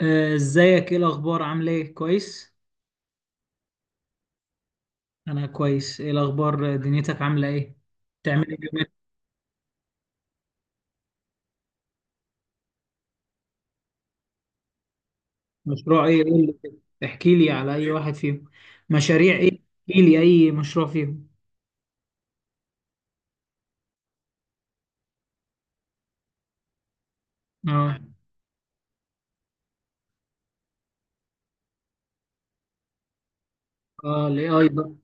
آه، ازيك؟ ايه الاخبار؟ عامله ايه؟ كويس. انا كويس. ايه الاخبار؟ دنيتك عامله ايه؟ بتعمل ايه اليومين؟ مشروع ايه؟ قول لي كده. احكي لي على اي واحد فيهم. مشاريع ايه؟ احكي لي اي مشروع فيهم. اه. اه، الاي اي ده؟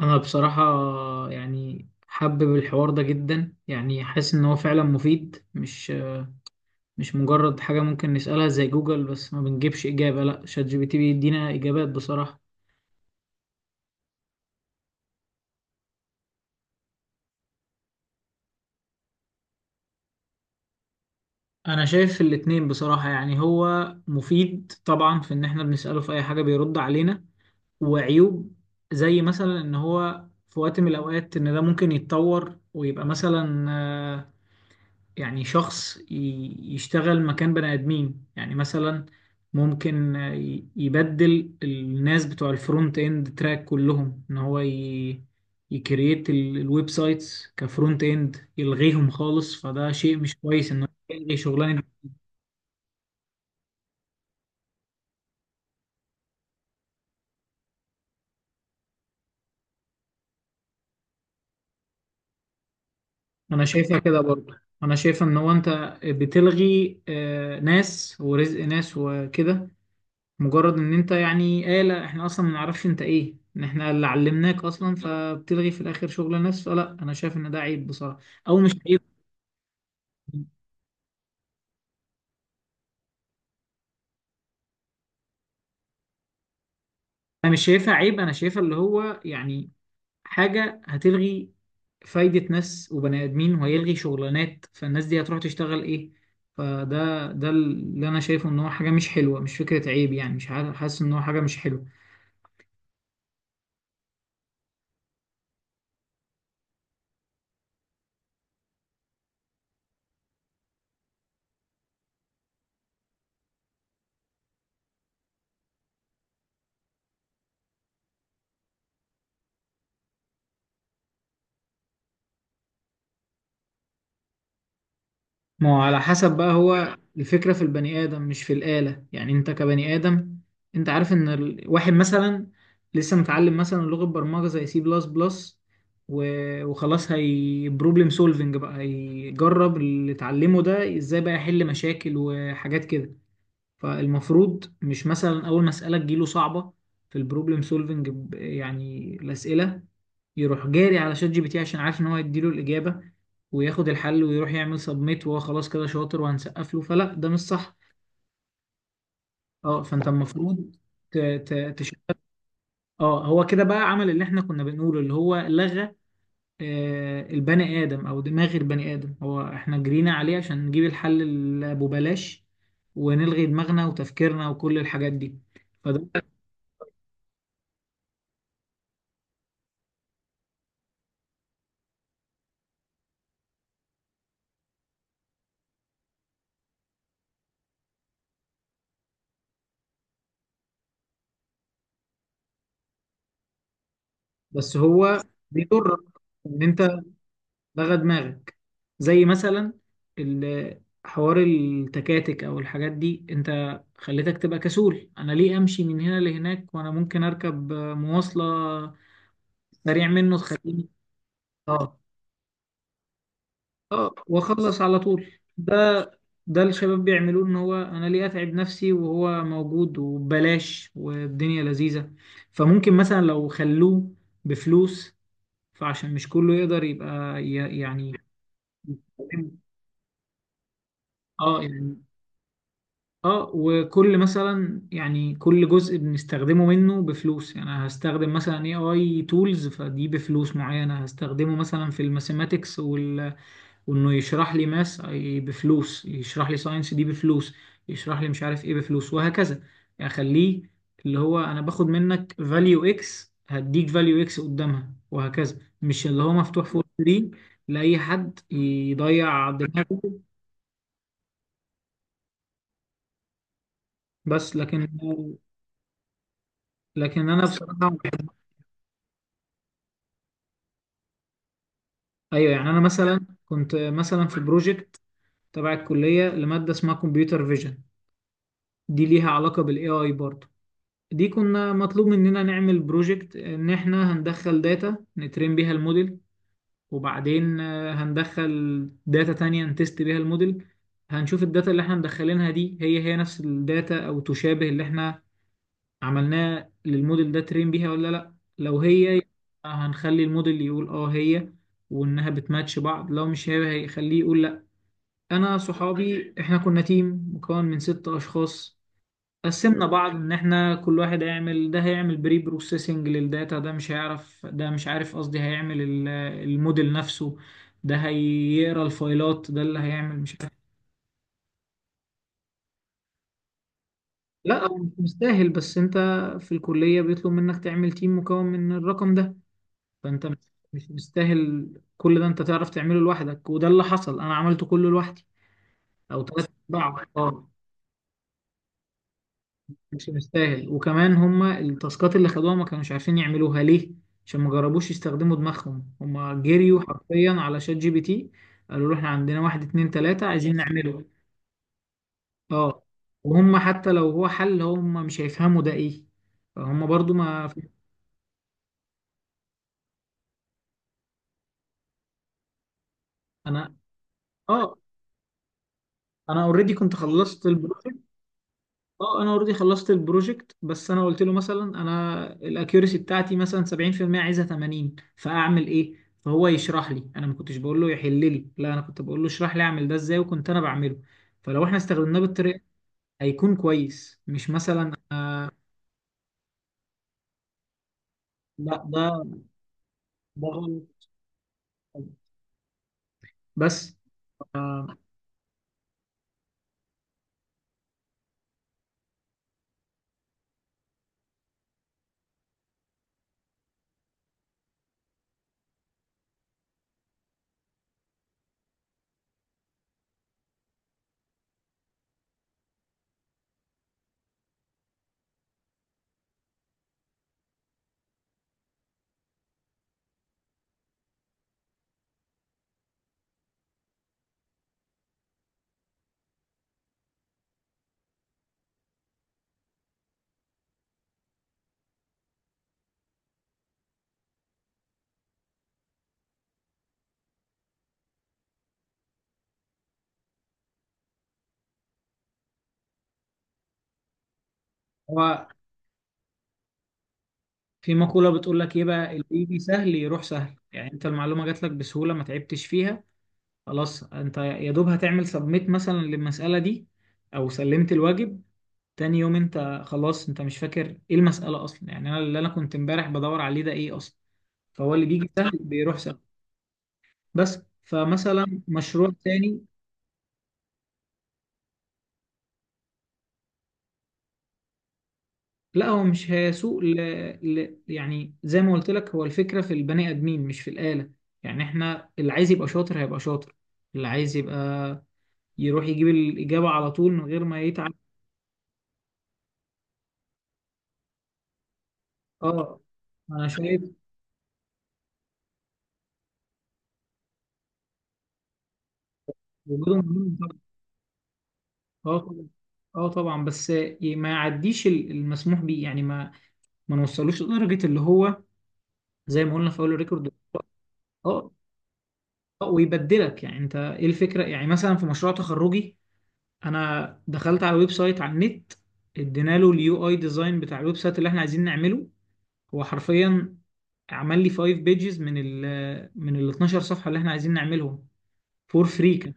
انا بصراحه يعني حابب الحوار ده جدا، يعني حاسس ان هو فعلا مفيد، مش مجرد حاجه ممكن نسالها زي جوجل بس ما بنجيبش اجابه. لا، شات جي بي تي بيدينا اجابات بصراحه. انا شايف الاتنين بصراحة. يعني هو مفيد طبعا في ان احنا بنسأله في اي حاجة بيرد علينا. وعيوب زي مثلا ان هو في وقت من الاوقات، ان ده ممكن يتطور ويبقى مثلا، يعني شخص يشتغل مكان بني ادمين، يعني مثلا ممكن يبدل الناس بتوع الفرونت اند تراك كلهم، ان هو يكريت الويب سايتس كفرونت اند، يلغيهم خالص. فده شيء مش كويس انه يلغي شغلانة. انا شايفها كده برضه. انا شايف ان هو انت بتلغي ناس ورزق ناس وكده. مجرد ان انت يعني آلة، احنا اصلا ما نعرفش انت ايه، ان احنا اللي علمناك اصلا، فبتلغي في الاخر شغل ناس. فلا، انا شايف ان ده عيب بصراحة. او مش عيب. انا مش شايفها عيب، انا شايفها اللي هو يعني حاجة هتلغي فايدة ناس وبني ادمين وهيلغي شغلانات، فالناس دي هتروح تشتغل ايه؟ فده اللي انا شايفه، ان هو حاجة مش حلوة، مش فكرة عيب. يعني مش عارف- حاسس ان هو حاجة مش حلوة. ما هو على حسب بقى. هو الفكرة في البني آدم مش في الآلة، يعني أنت كبني آدم. أنت عارف إن واحد مثلا لسه متعلم مثلا لغة برمجة زي سي بلس بلس، وخلاص هي بروبلم سولفنج بقى، هيجرب اللي اتعلمه ده إزاي بقى يحل مشاكل وحاجات كده. فالمفروض مش مثلا اول مسألة تجيله صعبة في البروبلم سولفنج، يعني الأسئلة، يروح جاري على شات جي بي تي عشان عارف ان هو هيديله الإجابة، وياخد الحل ويروح يعمل سبميت، وهو خلاص كده شاطر وهنسقف له. فلا، ده مش صح. اه، فانت المفروض تشتغل. اه، هو كده بقى عمل اللي احنا كنا بنقوله، اللي هو لغى البني آدم او دماغ البني آدم. هو احنا جرينا عليه عشان نجيب الحل اللي ببلاش، ونلغي دماغنا وتفكيرنا وكل الحاجات دي. فده، بس هو بيضرك ان انت لغى دماغك. زي مثلا حوار التكاتك او الحاجات دي، انت خليتك تبقى كسول. انا ليه امشي من هنا لهناك وانا ممكن اركب مواصلة سريع منه تخليني. اه. اه، واخلص على طول. ده الشباب بيعملوه، ان هو انا ليه اتعب نفسي وهو موجود وببلاش والدنيا لذيذة. فممكن مثلا لو خلوه بفلوس، فعشان مش كله يقدر يبقى يعني بنستخدمه. اه، يعني اه، وكل مثلا يعني كل جزء بنستخدمه منه بفلوس. يعني أنا هستخدم مثلا اي اي تولز، فدي بفلوس معينة. هستخدمه مثلا في الماثيماتكس وانه يشرح لي ماس بفلوس، يشرح لي ساينس دي بفلوس، يشرح لي مش عارف ايه بفلوس، وهكذا. يعني اخليه اللي هو انا باخد منك فاليو اكس هديك فاليو اكس قدامها وهكذا، مش اللي هو مفتوح فور فري لأي حد يضيع دماغه. بس لكن انا بصراحه ما بحب- ايوه، يعني انا مثلا كنت مثلا في بروجكت تبع الكليه، لماده اسمها كمبيوتر فيجن. دي ليها علاقه بالاي اي برضه. دي كنا مطلوب مننا نعمل بروجكت ان احنا هندخل داتا نترين بيها الموديل، وبعدين هندخل داتا تانية نتست بيها الموديل. هنشوف الداتا اللي احنا مدخلينها دي هي هي نفس الداتا او تشابه اللي احنا عملناه للموديل ده ترين بيها ولا لا. لو هي يبقى هنخلي الموديل يقول اه هي، وانها بتماتش بعض. لو مش هي هيخليه يقول لا. انا صحابي، احنا كنا تيم مكون من ست اشخاص. قسمنا بعض ان احنا كل واحد هيعمل. ده هيعمل بري بروسيسنج للداتا، ده مش هيعرف، ده مش عارف قصدي، هيعمل الموديل نفسه، ده هيقرا الفايلات، ده اللي هيعمل مش عارف. لا، هو مش مستاهل. بس انت في الكلية بيطلب منك تعمل تيم مكون من الرقم ده. فانت مش مستاهل. كل ده انت تعرف تعمله لوحدك، وده اللي حصل، انا عملته كله لوحدي. او ثلاث ارباعه، اه. مش مستاهل. وكمان هما التاسكات اللي خدوها ما كانوش عارفين يعملوها ليه، عشان ما جربوش يستخدموا دماغهم. هما جريوا حرفيا على شات جي بي تي، قالوا له احنا عندنا واحد اتنين تلاتة عايزين نعمله. اه، وهم حتى لو هو حل، هم مش هيفهموا ده ايه. فهم برضو ما انا اه انا اوريدي كنت خلصت البروجكت. اه، انا اوريدي خلصت البروجكت. بس انا قلت له مثلا، انا الاكيورسي بتاعتي مثلا 70%، عايزها 80، فاعمل ايه؟ فهو يشرح لي. انا ما كنتش بقول له يحل لي، لا، انا كنت بقول له اشرح لي، اعمل ده ازاي، وكنت انا بعمله. فلو احنا استخدمناه بالطريقه هيكون كويس، مش مثلا لا، ده غلط. بس. آه هو في مقوله بتقول لك ايه بقى: اللي يجي سهل يروح سهل. يعني انت المعلومه جات لك بسهوله، ما تعبتش فيها. خلاص، انت يا دوب هتعمل سبميت مثلا للمسألة دي، او سلمت الواجب. تاني يوم انت خلاص، انت مش فاكر ايه المسألة اصلا. يعني انا اللي انا كنت امبارح بدور عليه ده ايه اصلا؟ فهو اللي بيجي سهل بيروح سهل. بس فمثلا مشروع تاني. لا، هو مش هيسوق يعني زي ما قلت لك، هو الفكرة في البني ادمين مش في الآلة. يعني احنا اللي عايز يبقى شاطر هيبقى شاطر، اللي عايز يبقى يروح يجيب الإجابة على طول من غير ما يتعب. اه، انا شايف وجوده مهم. اه طبعا. اه طبعا، بس ما يعديش المسموح بيه. يعني ما نوصلوش لدرجه اللي هو، زي ما قلنا في اول الريكورد. اه. اه، ويبدلك. يعني انت ايه الفكره؟ يعني مثلا في مشروع تخرجي، انا دخلت على ويب سايت على النت، ادينا له اليو اي ديزاين بتاع الويب سايت اللي احنا عايزين نعمله. هو حرفيا عمل لي 5 بيجز من ال 12 صفحه اللي احنا عايزين نعملهم، فور فري كان.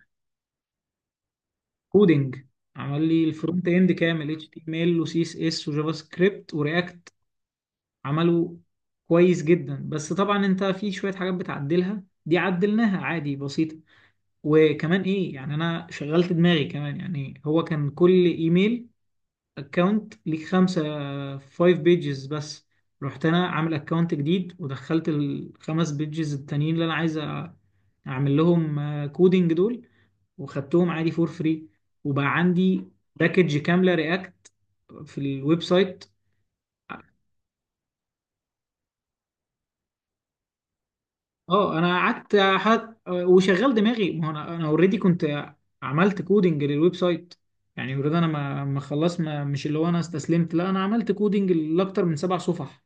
كودنج، عمل لي الفرونت اند كامل، اتش تي ام ال وسي اس اس وجافا سكريبت ورياكت. عملوا كويس جدا. بس طبعا انت في شوية حاجات بتعدلها، دي عدلناها عادي، بسيطة. وكمان ايه، يعني انا شغلت دماغي كمان. يعني هو كان كل ايميل اكونت ليك خمسة، فايف بيجز بس. رحت انا عامل اكونت جديد ودخلت الخمس بيجز التانيين اللي انا عايز اعمل لهم كودينج دول، وخدتهم عادي فور فري. وبقى عندي باكج كاملة رياكت في الويب سايت. اه، انا قعدت وشغال دماغي. ما هو انا اوريدي كنت عملت كودنج للويب سايت. يعني اوريدي انا ما خلاص، ما مش اللي هو انا استسلمت. لا، انا عملت كودنج لاكتر من سبع صفح.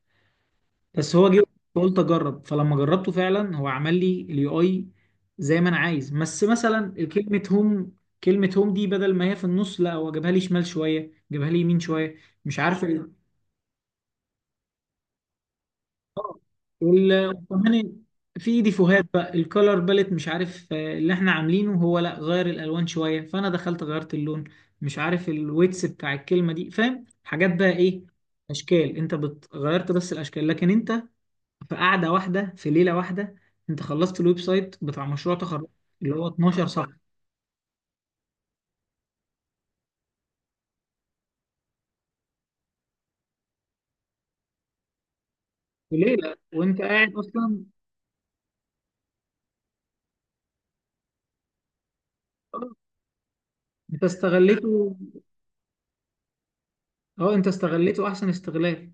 بس هو جه قلت اجرب. فلما جربته فعلا هو عمل لي اليو اي زي ما انا عايز. بس مثلا كلمه هوم، كلمه هوم دي بدل ما هي في النص، لا، هو جابها لي شمال شويه، جابها لي يمين شويه، مش عارف آه. وكمان في ديفوهات بقى الكولر باليت مش عارف اللي احنا عاملينه هو، لا، غير الالوان شويه. فانا دخلت غيرت اللون، مش عارف الويتس بتاع الكلمه دي، فاهم حاجات بقى ايه، اشكال. انت غيرت بس الاشكال. لكن انت في قعده واحده، في ليله واحده، انت خلصت الويب سايت بتاع مشروع تخرج اللي هو 12 صفحه، في ليله وانت قاعد اصلا. آه، انت استغليته. اه، انت استغليته احسن استغلال.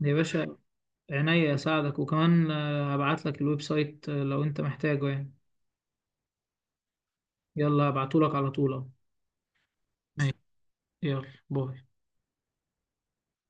يا باشا، عينيا اساعدك. وكمان هبعت لك الويب سايت، لو انت محتاجه يعني. يلا هبعته لك على طول أهو. ماشي. يلا باي.